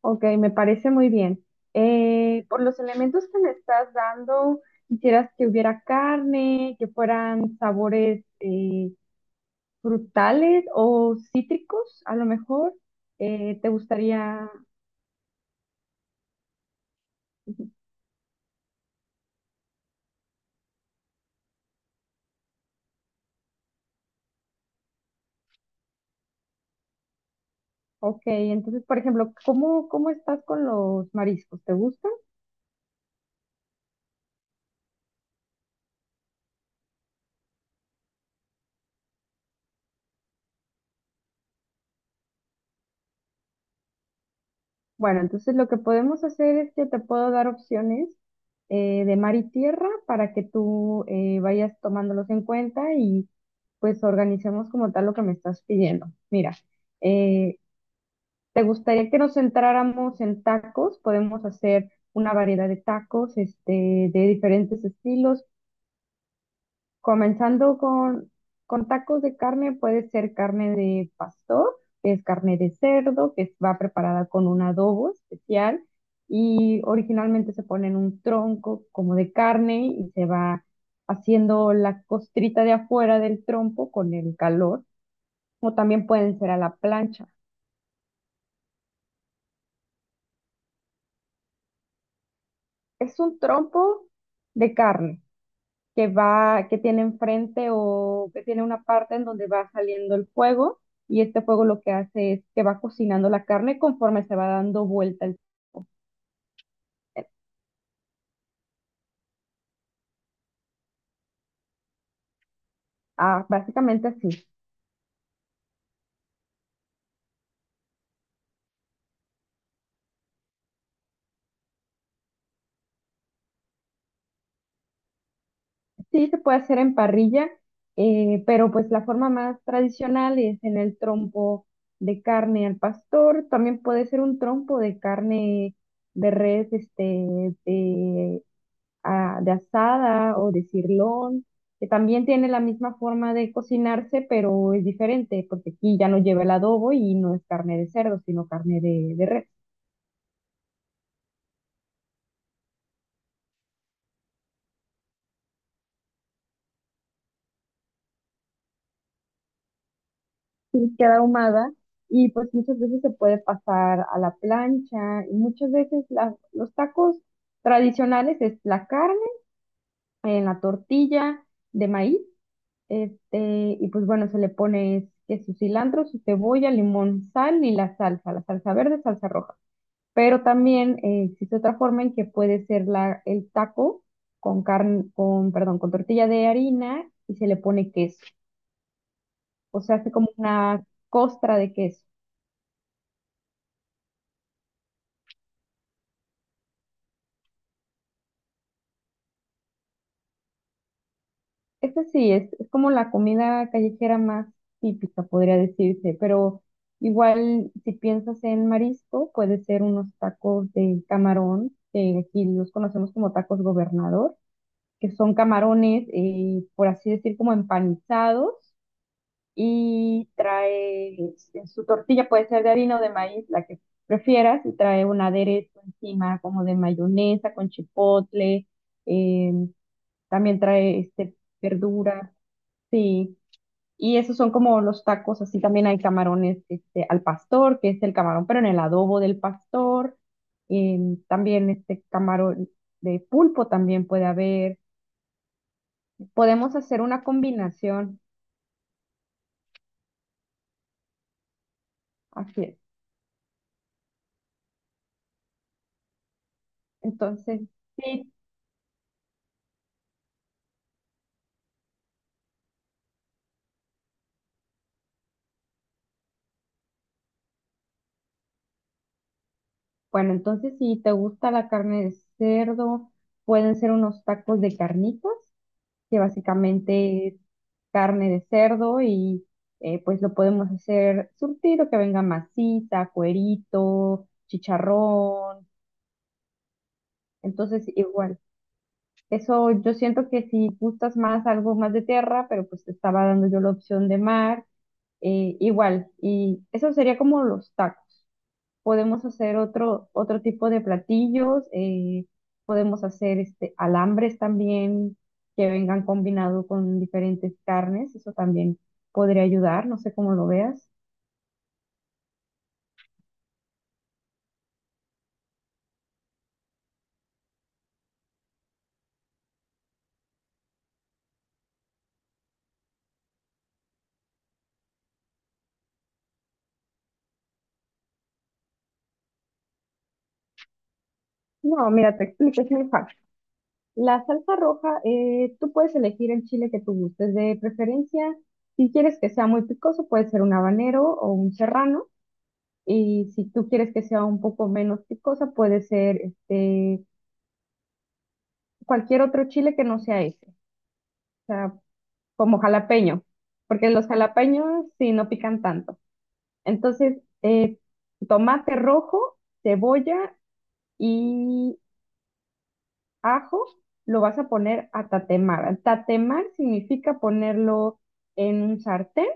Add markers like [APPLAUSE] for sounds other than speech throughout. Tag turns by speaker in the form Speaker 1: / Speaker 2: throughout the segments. Speaker 1: Ok, me parece muy bien. Por los elementos que me estás dando, ¿quisieras que hubiera carne, que fueran sabores frutales o cítricos, a lo mejor? ¿Te gustaría? Ok, entonces, por ejemplo, cómo estás con los mariscos? ¿Te gustan? Bueno, entonces lo que podemos hacer es que te puedo dar opciones de mar y tierra para que tú vayas tomándolos en cuenta y pues organicemos como tal lo que me estás pidiendo. Mira, eh, ¿te gustaría que nos centráramos en tacos? Podemos hacer una variedad de tacos, este, de diferentes estilos. Comenzando con tacos de carne, puede ser carne de pastor, que es carne de cerdo, que va preparada con un adobo especial y originalmente se pone en un tronco como de carne y se va haciendo la costrita de afuera del trompo con el calor, o también pueden ser a la plancha. Es un trompo de carne, que va, que tiene enfrente o que tiene una parte en donde va saliendo el fuego y este fuego lo que hace es que va cocinando la carne conforme se va dando vuelta el... Ah, básicamente así. Sí, se puede hacer en parrilla, pero pues la forma más tradicional es en el trompo de carne al pastor. También puede ser un trompo de carne de res, este, de ah, de asada o de sirloin, que también tiene la misma forma de cocinarse, pero es diferente, porque aquí ya no lleva el adobo y no es carne de cerdo, sino carne de res. Y queda ahumada y pues muchas veces se puede pasar a la plancha y muchas veces los tacos tradicionales es la carne en la tortilla de maíz, este, y pues bueno, se le pone que su cilantro, su cebolla, limón, sal y la salsa verde, salsa roja. Pero también existe otra forma en que puede ser el taco con carne, con, perdón, con tortilla de harina y se le pone queso. O sea, hace como una costra de queso. Esta sí, es como la comida callejera más típica, podría decirse, pero igual si piensas en marisco, puede ser unos tacos de camarón, que aquí los conocemos como tacos gobernador, que son camarones, por así decir, como empanizados y trae en su tortilla, puede ser de harina o de maíz, la que prefieras, y trae un aderezo encima como de mayonesa con chipotle, eh, también trae este, verduras, sí. Y esos son como los tacos, así también hay camarones este, al pastor, que es el camarón, pero en el adobo del pastor. También este camarón de pulpo también puede haber. Podemos hacer una combinación, así es. Entonces, sí, bueno, entonces si te gusta la carne de cerdo, pueden ser unos tacos de carnitas, que básicamente es carne de cerdo y pues lo podemos hacer surtido, que venga masita, cuerito, chicharrón. Entonces igual, eso yo siento que si gustas más algo más de tierra, pero pues te estaba dando yo la opción de mar, igual. Y eso sería como los tacos. Podemos hacer otro tipo de platillos, podemos hacer este, alambres también que vengan combinado con diferentes carnes, eso también podría ayudar, no sé cómo lo veas. No, mira, te explico, es muy fácil. La salsa roja, tú puedes elegir el chile que tú gustes de preferencia. Si quieres que sea muy picoso, puede ser un habanero o un serrano. Y si tú quieres que sea un poco menos picosa, puede ser este, cualquier otro chile que no sea ese. O sea, como jalapeño, porque los jalapeños sí no pican tanto. Entonces, tomate rojo, cebolla y ajo lo vas a poner a tatemar. Tatemar significa ponerlo en un sartén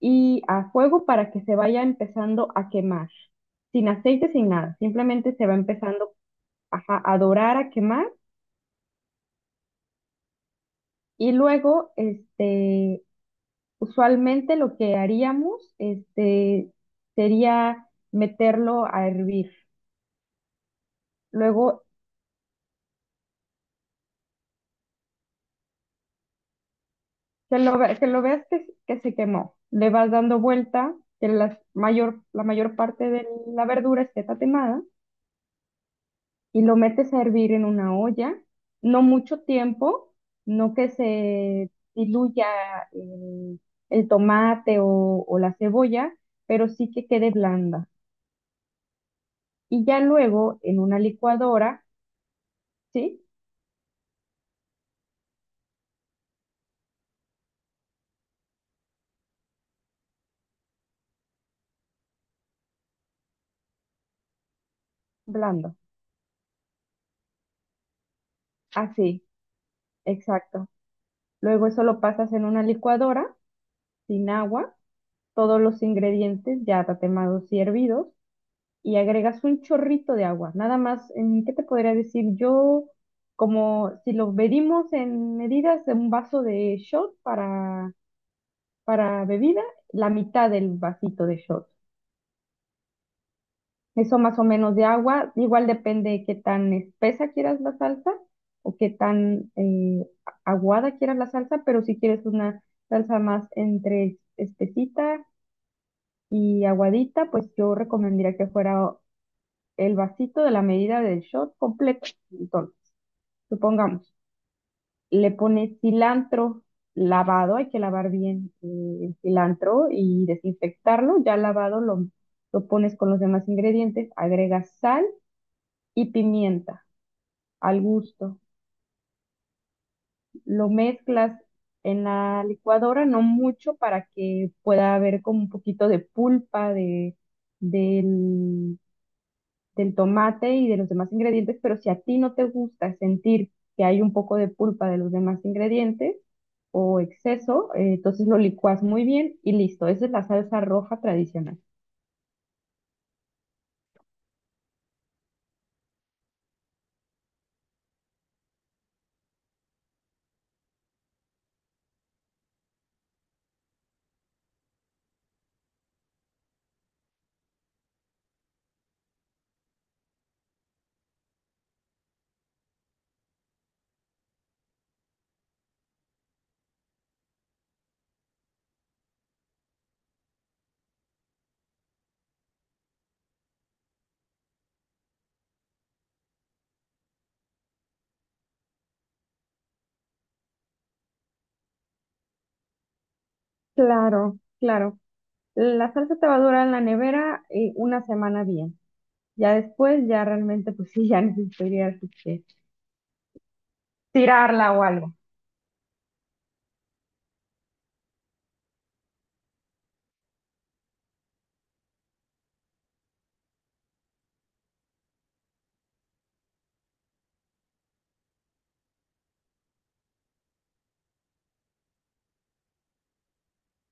Speaker 1: y a fuego para que se vaya empezando a quemar, sin aceite, sin nada, simplemente se va empezando, ajá, a dorar, a quemar. Y luego, este, usualmente lo que haríamos este, sería meterlo a hervir. Luego que que lo veas que se quemó. Le vas dando vuelta, que la mayor parte de la verdura esté tatemada y lo metes a hervir en una olla. No mucho tiempo, no que se diluya el, el tomate o la cebolla, pero sí que quede blanda. Y ya luego en una licuadora, ¿sí? Blanda. Así, exacto. Luego eso lo pasas en una licuadora sin agua, todos los ingredientes ya tatemados y hervidos y agregas un chorrito de agua. Nada más, ¿en ¿qué te podría decir? Yo, como si lo medimos en medidas de un vaso de shot para bebida, la mitad del vasito de shot. Eso más o menos de agua. Igual depende de qué tan espesa quieras la salsa o qué tan aguada quieras la salsa, pero si quieres una salsa más entre espesita y aguadita, pues yo recomendaría que fuera el vasito de la medida del shot completo. Entonces, supongamos, le pones cilantro lavado, hay que lavar bien el cilantro y desinfectarlo. Ya lavado lo pones con los demás ingredientes, agregas sal y pimienta al gusto. Lo mezclas en la licuadora, no mucho, para que pueda haber como un poquito de pulpa de, del, del tomate y de los demás ingredientes, pero si a ti no te gusta sentir que hay un poco de pulpa de los demás ingredientes o exceso, entonces lo licuas muy bien y listo. Esa es la salsa roja tradicional. Claro, claro. La salsa te va a durar en la nevera una semana bien. Ya después, ya realmente, pues sí, [LAUGHS] ya necesitarías tirarla o algo.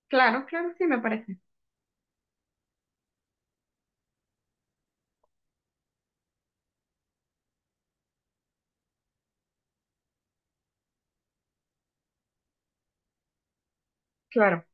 Speaker 1: Claro, claro, sí me parece. Claro.